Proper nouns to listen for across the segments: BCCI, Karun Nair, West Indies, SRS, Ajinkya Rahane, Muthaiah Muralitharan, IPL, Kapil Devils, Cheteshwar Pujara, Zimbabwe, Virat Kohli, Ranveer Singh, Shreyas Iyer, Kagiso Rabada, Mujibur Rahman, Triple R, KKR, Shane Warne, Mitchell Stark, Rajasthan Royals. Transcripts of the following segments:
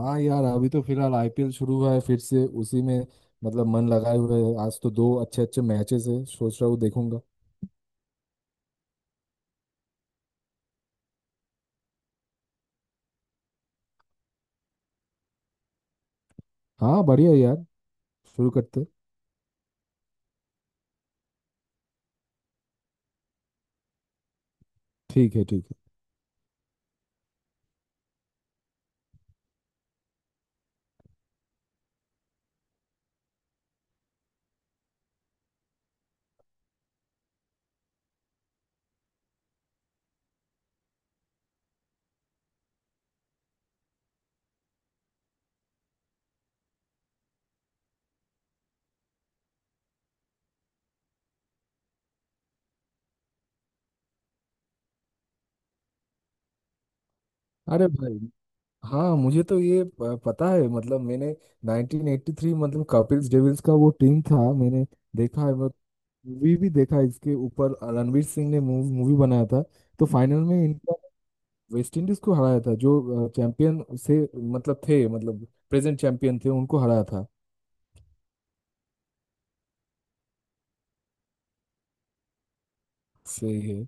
हाँ यार अभी तो फिलहाल आईपीएल शुरू हुआ है फिर से। उसी में मतलब मन लगाए हुए है। आज तो दो अच्छे अच्छे मैचेस है, सोच रहा हूँ देखूंगा। हाँ बढ़िया यार। शुरू करते। ठीक है ठीक है। अरे भाई। हाँ मुझे तो ये पता है मतलब मैंने 1983 मतलब कपिल डेविल्स का वो टीम था। मैंने देखा है मैं। मूवी भी देखा है इसके ऊपर, रणवीर सिंह ने मूवी बनाया था। तो फाइनल में इनका वेस्ट इंडीज को हराया था, जो चैंपियन से मतलब थे मतलब प्रेजेंट चैंपियन थे उनको हराया था। सही है।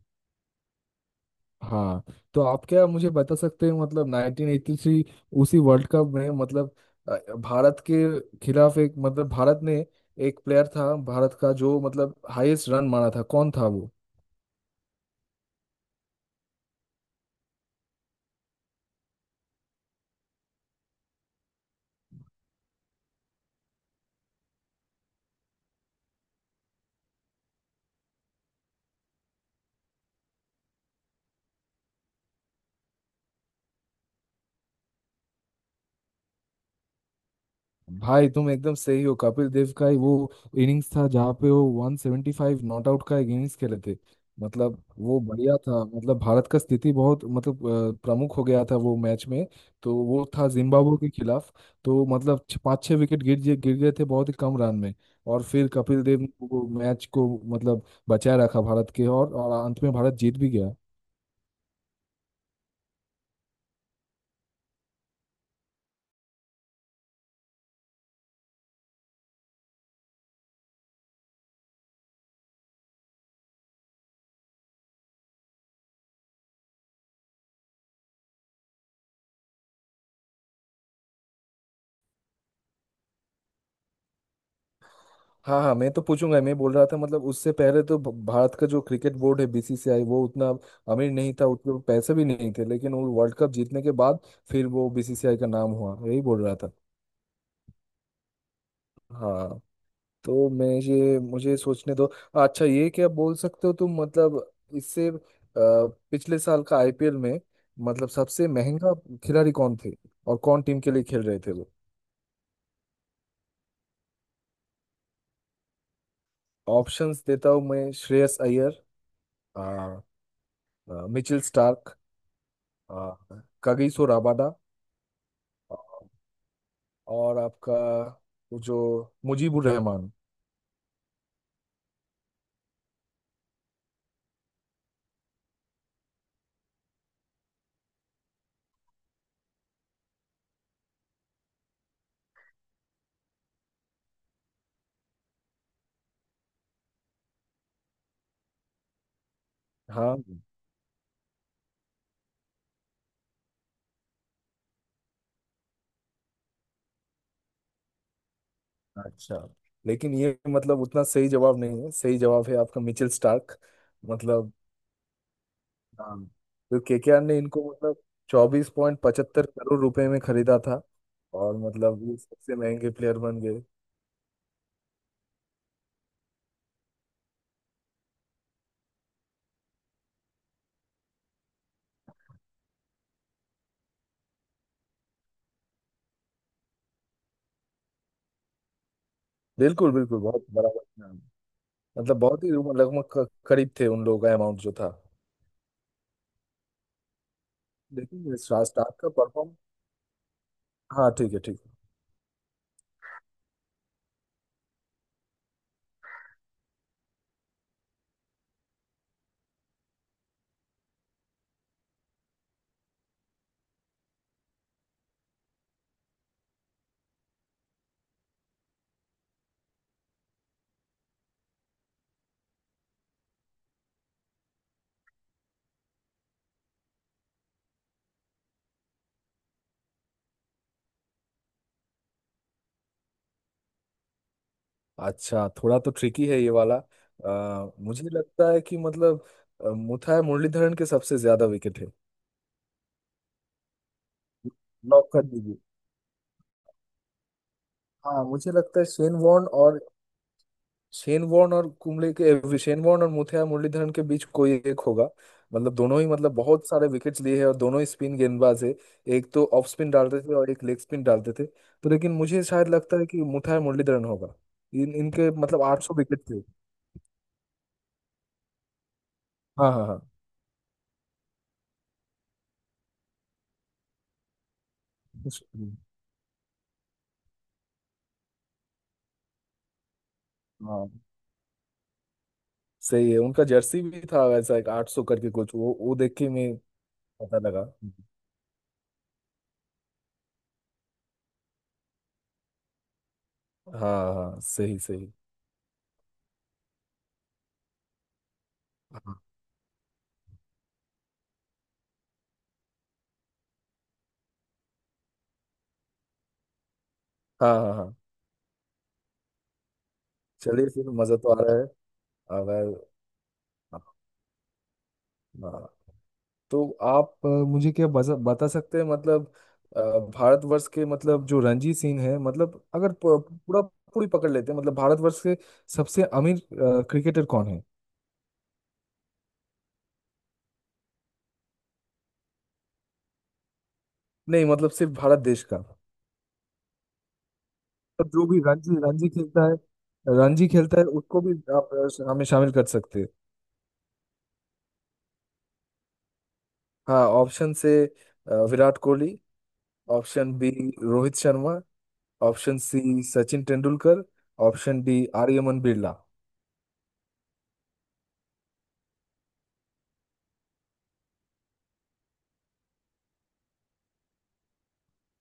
हाँ। तो आप क्या मुझे बता सकते हैं मतलब 1983 उसी वर्ल्ड कप में मतलब भारत के खिलाफ एक मतलब भारत ने एक प्लेयर था भारत का जो मतलब हाईएस्ट रन मारा था, कौन था वो? भाई तुम एकदम सही हो। कपिल देव का ही वो इनिंग्स था जहाँ पे वो 175 नॉट आउट का एक इनिंग्स खेले थे। मतलब वो बढ़िया था, मतलब भारत का स्थिति बहुत मतलब प्रमुख हो गया था वो मैच में। तो वो था जिम्बाब्वे के खिलाफ। तो मतलब पाँच छह विकेट गिर गए थे बहुत ही कम रन में। और फिर कपिल देव ने वो मैच को मतलब बचाए रखा भारत के, और अंत में भारत जीत भी गया। हाँ हाँ मैं तो पूछूंगा। मैं बोल रहा था मतलब उससे पहले तो भारत का जो क्रिकेट बोर्ड है बीसीसीआई वो उतना अमीर नहीं था, उतने पैसे भी नहीं थे, लेकिन वो वर्ल्ड कप जीतने के बाद फिर वो बीसीसीआई का नाम हुआ, यही बोल रहा था। हाँ। तो मैं ये, मुझे सोचने दो। अच्छा ये क्या बोल सकते हो तुम मतलब इससे पिछले साल का आईपीएल में मतलब सबसे महंगा खिलाड़ी कौन थे, और कौन टीम के लिए खेल रहे थे वो? ऑप्शंस देता हूँ मैं। श्रेयस अय्यर, आ, आ, मिचेल स्टार्क, कगिसो राबादा, अ, और आपका वो जो मुजीबुर रहमान। हाँ अच्छा, लेकिन ये मतलब उतना सही जवाब नहीं है। सही जवाब है आपका मिचेल स्टार्क। मतलब हाँ, तो केकेआर ने इनको मतलब 24.75 करोड़ रुपए में खरीदा था, और मतलब ये सबसे महंगे प्लेयर बन गए। बिल्कुल बिल्कुल बहुत बराबर हाँ। मतलब बहुत ही लगभग करीब थे उन लोगों का अमाउंट जो था। लेकिन ये स्टार्क का परफॉर्म। हाँ ठीक है ठीक है। अच्छा थोड़ा तो ट्रिकी है ये वाला। मुझे लगता है कि मतलब मुथाय मुरलीधरन के सबसे ज्यादा विकेट है। लॉक कर दीजिए। हाँ मुझे लगता है शेन वॉर्न और मुथैया मुरलीधरन के बीच कोई एक होगा। मतलब दोनों ही मतलब बहुत सारे विकेट्स लिए हैं, और दोनों ही स्पिन गेंदबाज है। एक तो ऑफ स्पिन डालते थे और एक लेग स्पिन डालते थे। तो लेकिन मुझे शायद लगता है कि मुथैया मुरलीधरन होगा। इन इनके मतलब 800 विकेट थे। हाँ हाँ हाँ हाँ। सही है, उनका जर्सी भी था वैसा एक 800 करके कुछ, वो देख के मैं पता लगा। हाँ हाँ सही सही। हाँ हाँ हाँ हाँ। चलिए फिर, मजा तो आ रहा है अगर। हाँ हाँ। तो आप मुझे क्या बता सकते हैं मतलब अ, भारतवर्ष के मतलब जो रणजी सिंह है मतलब, अगर पूरा पूरी पकड़ लेते हैं मतलब भारतवर्ष के सबसे अमीर क्रिकेटर कौन है? नहीं मतलब सिर्फ भारत देश का। मतलब जो भी रणजी रणजी खेलता है, रणजी खेलता है उसको भी आप हमें शामिल कर सकते हैं। हाँ ऑप्शन से Virat Kohli. Option B Rohit Sharma. Option C Sachin Tendulkar. Option D Aryaman Birla.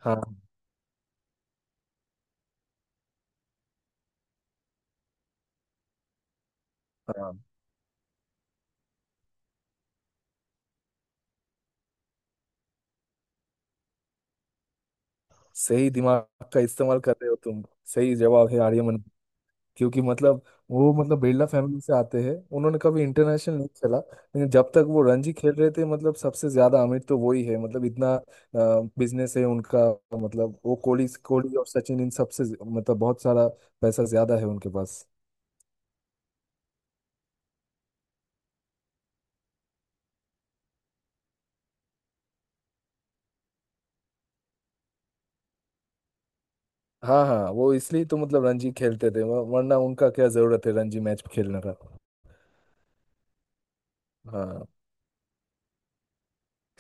हाँ हाँ, सही दिमाग का इस्तेमाल कर रहे हो तुम। सही जवाब है आर्यमन। क्योंकि मतलब वो मतलब बिरला फैमिली से आते हैं, उन्होंने कभी इंटरनेशनल नहीं खेला, लेकिन जब तक वो रणजी खेल रहे थे मतलब सबसे ज्यादा अमीर तो वही है, मतलब इतना बिजनेस है उनका। मतलब वो कोहली कोहली और सचिन इन सबसे मतलब बहुत सारा पैसा ज्यादा है उनके पास। हाँ हाँ, वो इसलिए तो मतलब रणजी खेलते थे, वरना उनका क्या जरूरत है रणजी मैच खेलने का। हाँ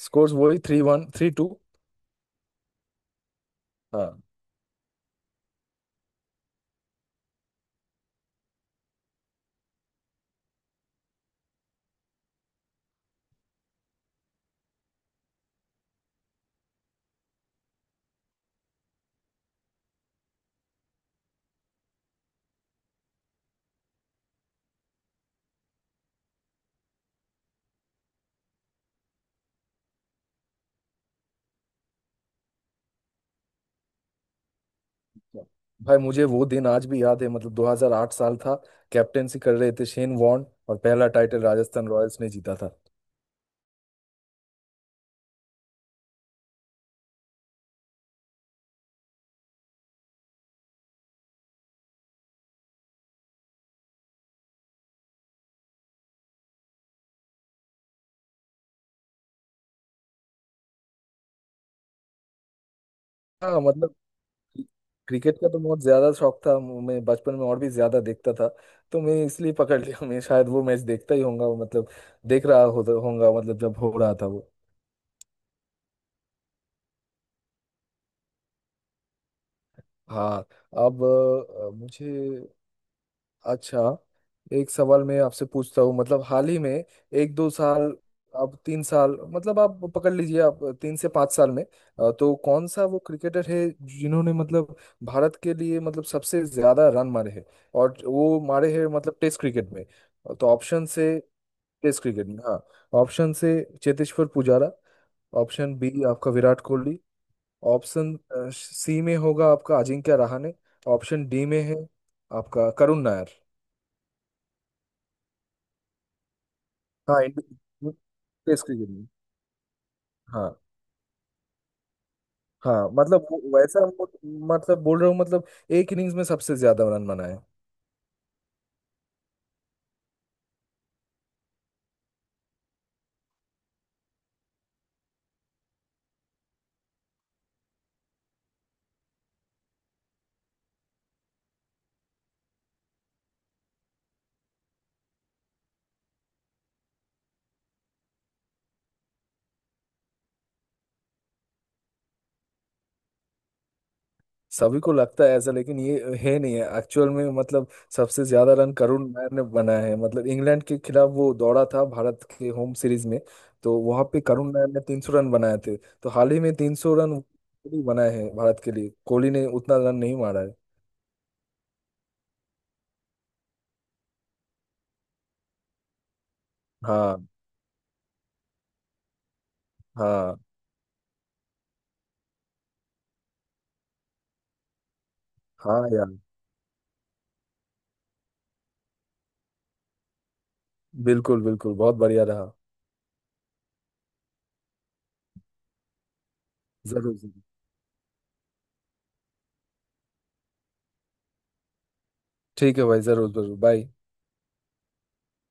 स्कोर्स वही थ्री वन थ्री टू। हाँ भाई मुझे वो दिन आज भी याद है, मतलब 2008 साल था। कैप्टेंसी कर रहे थे शेन वॉर्न और पहला टाइटल राजस्थान रॉयल्स ने जीता था। हाँ मतलब क्रिकेट का तो बहुत ज्यादा शौक था, मैं बचपन में और भी ज्यादा देखता था। तो मैं इसलिए पकड़ लिया, मैं शायद वो मैच देखता ही होऊंगा, वो मतलब देख रहा हो होऊंगा मतलब जब हो रहा था वो। हाँ। अब मुझे, अच्छा एक सवाल मैं आपसे पूछता हूँ मतलब हाल ही में एक दो साल, अब तीन साल मतलब आप पकड़ लीजिए, आप 3 से 5 साल में तो कौन सा वो क्रिकेटर है जिन्होंने मतलब भारत के लिए मतलब सबसे ज्यादा रन मारे हैं, और वो मारे हैं मतलब टेस्ट क्रिकेट में। तो ऑप्शन से, टेस्ट क्रिकेट में हाँ। ऑप्शन से चेतेश्वर पुजारा। ऑप्शन बी आपका विराट कोहली। ऑप्शन सी में होगा आपका अजिंक्य रहाणे। ऑप्शन डी में है आपका करुण नायर। हाँ इंडियन टेस्ट क्रिकेट में। हाँ हाँ मतलब मतलब बोल रहा हूँ मतलब एक इनिंग्स में सबसे ज्यादा रन बनाए। सभी को लगता है ऐसा, लेकिन ये है नहीं है एक्चुअल में। मतलब सबसे ज्यादा रन करुण नायर ने बनाया है, मतलब इंग्लैंड के खिलाफ वो दौड़ा था भारत के होम सीरीज में। तो वहां पे करुण नायर ने 300 रन बनाए थे, तो हाल ही में 300 रन कोहली बनाए हैं भारत के लिए, कोहली ने उतना रन नहीं मारा है। हाँ हाँ हाँ यार, बिल्कुल बिल्कुल बहुत बढ़िया रहा। जरूर। ठीक है भाई, जरूर जरूर, बाय।